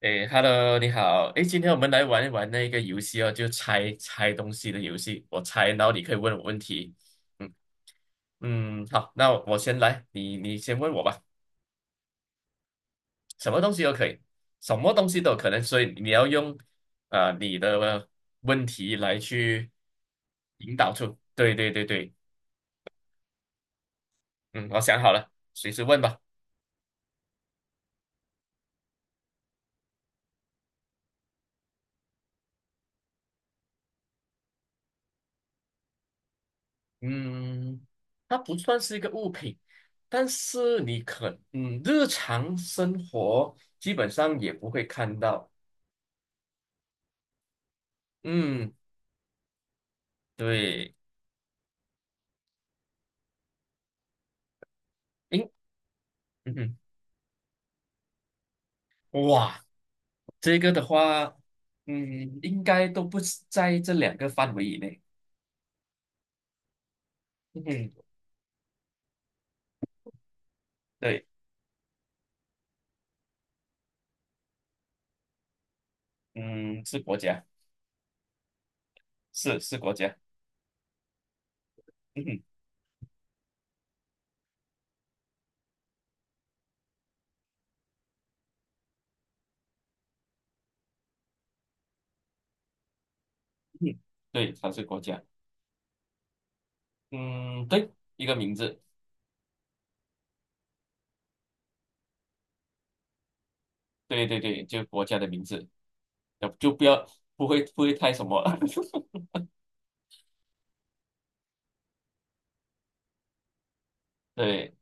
诶，Hello，你好。诶，今天我们来玩一玩那个游戏哦，就猜猜东西的游戏。我猜，然后你可以问我问题。嗯嗯，好，那我先来，你先问我吧。什么东西都可以，什么东西都有可能，所以你要用你的问题来去引导出。对对对对，嗯，我想好了，随时问吧。嗯，它不算是一个物品，但是你可嗯，日常生活基本上也不会看到。嗯，对，应嗯哼，哇，这个的话，嗯，应该都不是在这两个范围以内。嗯哼，对，嗯，是国家，是国家。嗯哼，嗯，对，它是国家。嗯，对，一个名字，对对对，就国家的名字，要就不要不会太什么。对。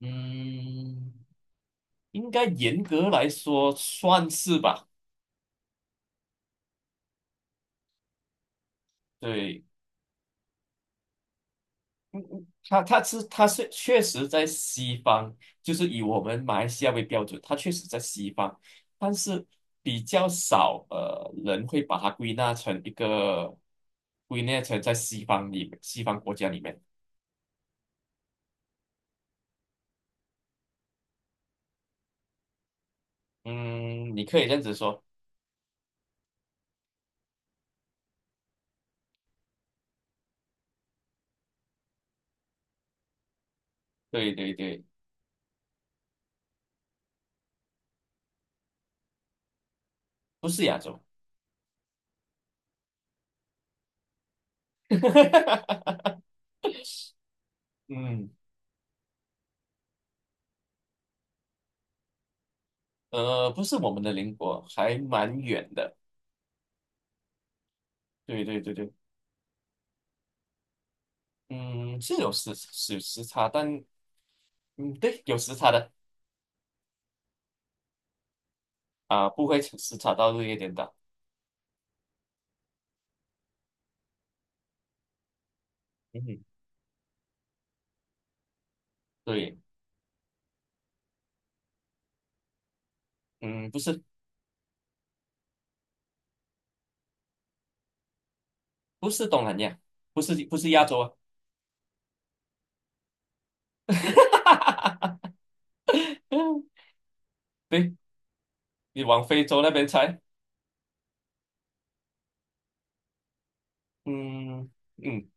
嗯，应该严格来说算是吧。对，他是确实在西方，就是以我们马来西亚为标准，他确实在西方，但是比较少人会把它归纳成在西方国家里面。嗯，你可以这样子说，对对对，不是亚洲。嗯，不是我们的邻国，还蛮远的。对对对对。嗯，是有时差，对，有时差的不会时差到日夜颠倒。嗯哼，对，嗯，不是不是东南亚，不是不是亚洲啊。对，你往非洲那边猜。嗯嗯，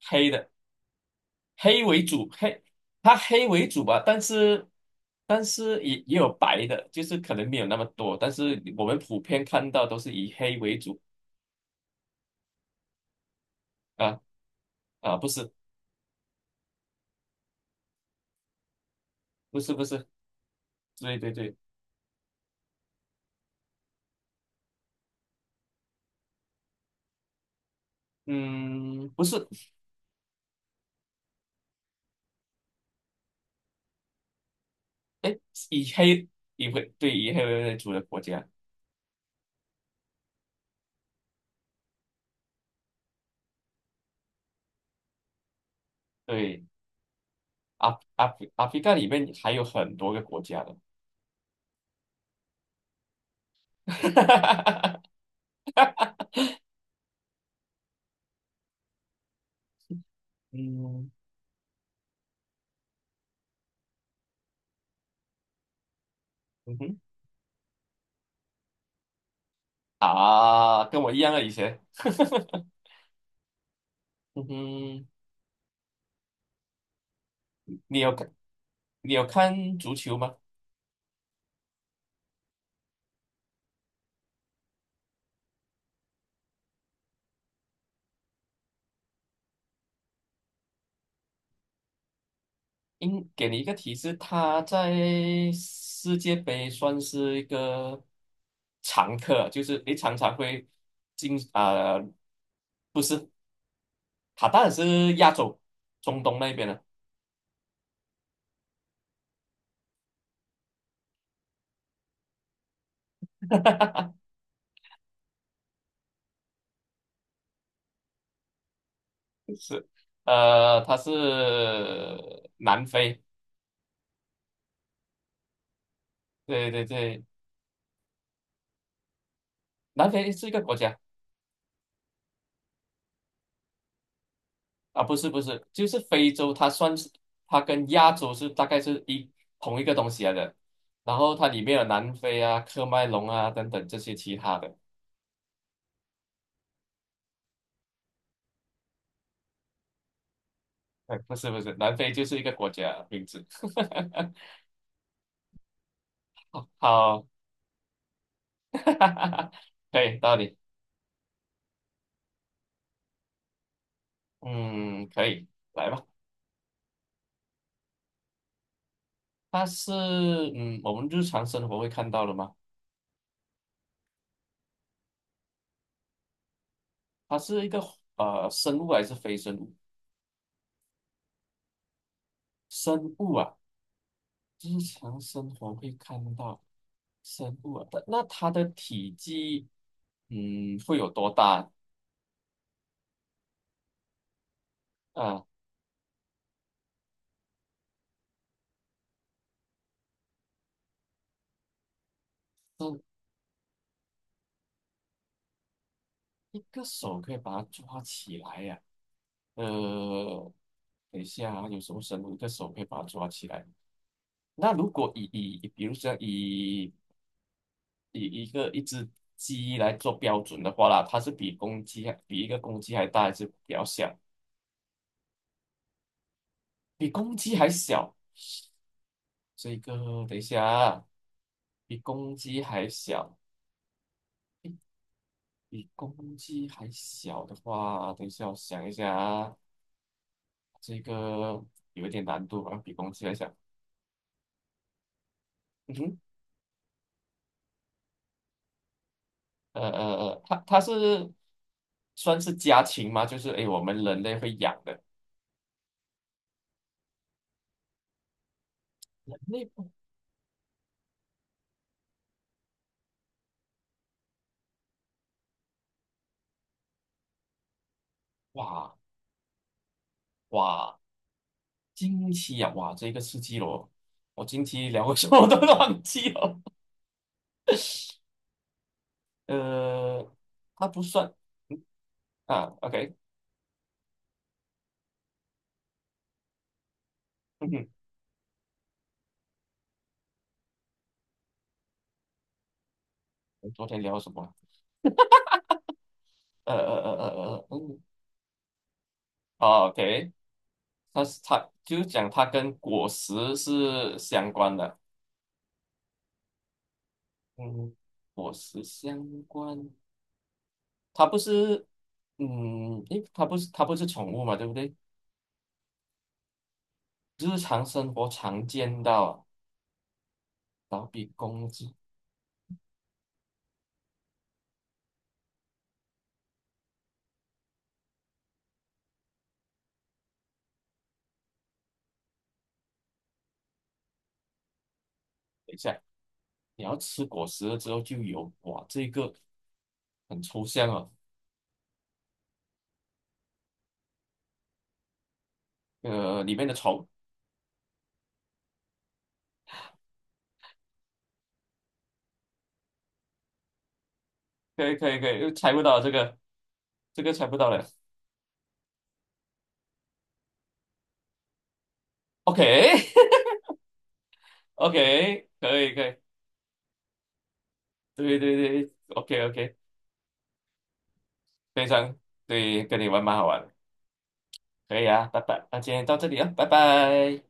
黑的黑为主，黑它黑为主吧，但是也有白的，就是可能没有那么多，但是我们普遍看到都是以黑为主。啊啊，不是不是不是，对对对。嗯，不是，哎，以黑以黑为主的国家，对，阿阿非干里面还有很多个国家的。嗯嗯哼，啊，跟我一样啊，以前。嗯哼，你有看你有看足球吗？给你一个提示，他在世界杯算是一个常客，就是常常会进啊、他当然是亚洲中东那边的。是，它是南非，对对对，南非是一个国家啊，不是不是，就是非洲。它跟亚洲是大概是一同一个东西来的，然后它里面有南非啊、喀麦隆啊等等这些其他的。哎，不是不是，南非就是一个国家名字。好，好。 可以，到理。嗯，可以，来吧。它是嗯我们日常生活会看到了吗？它是一个生物还是非生物？生物啊，日常生活会看到生物啊。但那它的体积，嗯，会有多大啊？这一个手可以把它抓起来呀、呃，等一下啊，有什么生物一个手可以把它抓起来？那如果以比如说以一只鸡来做标准的话啦，它是比公鸡还大，还是比较小？比公鸡还小？这个等一下啊，比公鸡还小，比公鸡还小的话，等一下我想一下啊，这个有一点难度啊，比公鸡还小。嗯哼，呃呃它是算是家禽吗？就是我们人类会养的。人类不哇哇，惊奇啊，哇，这个刺激了我，我惊奇聊过什么都忘记了。呃，它不算嗯啊，OK，嗯哼，我们昨天聊了什么啊？嗯，哦，OK，它就是讲它跟果实是相关的。嗯，果实相关，它不是，嗯，它不是宠物嘛，对不对？日常生活常见到啊，然后比公鸡，等一下，你要吃果实了之后就有，哇，这个很抽象哦。里面的虫，可以可以可以，猜不到这个，这个猜不到了。OK OK，可以可以，对对对，OK OK。非常对，跟你玩蛮好玩的，可以啊，拜拜，那今天到这里啊，拜拜。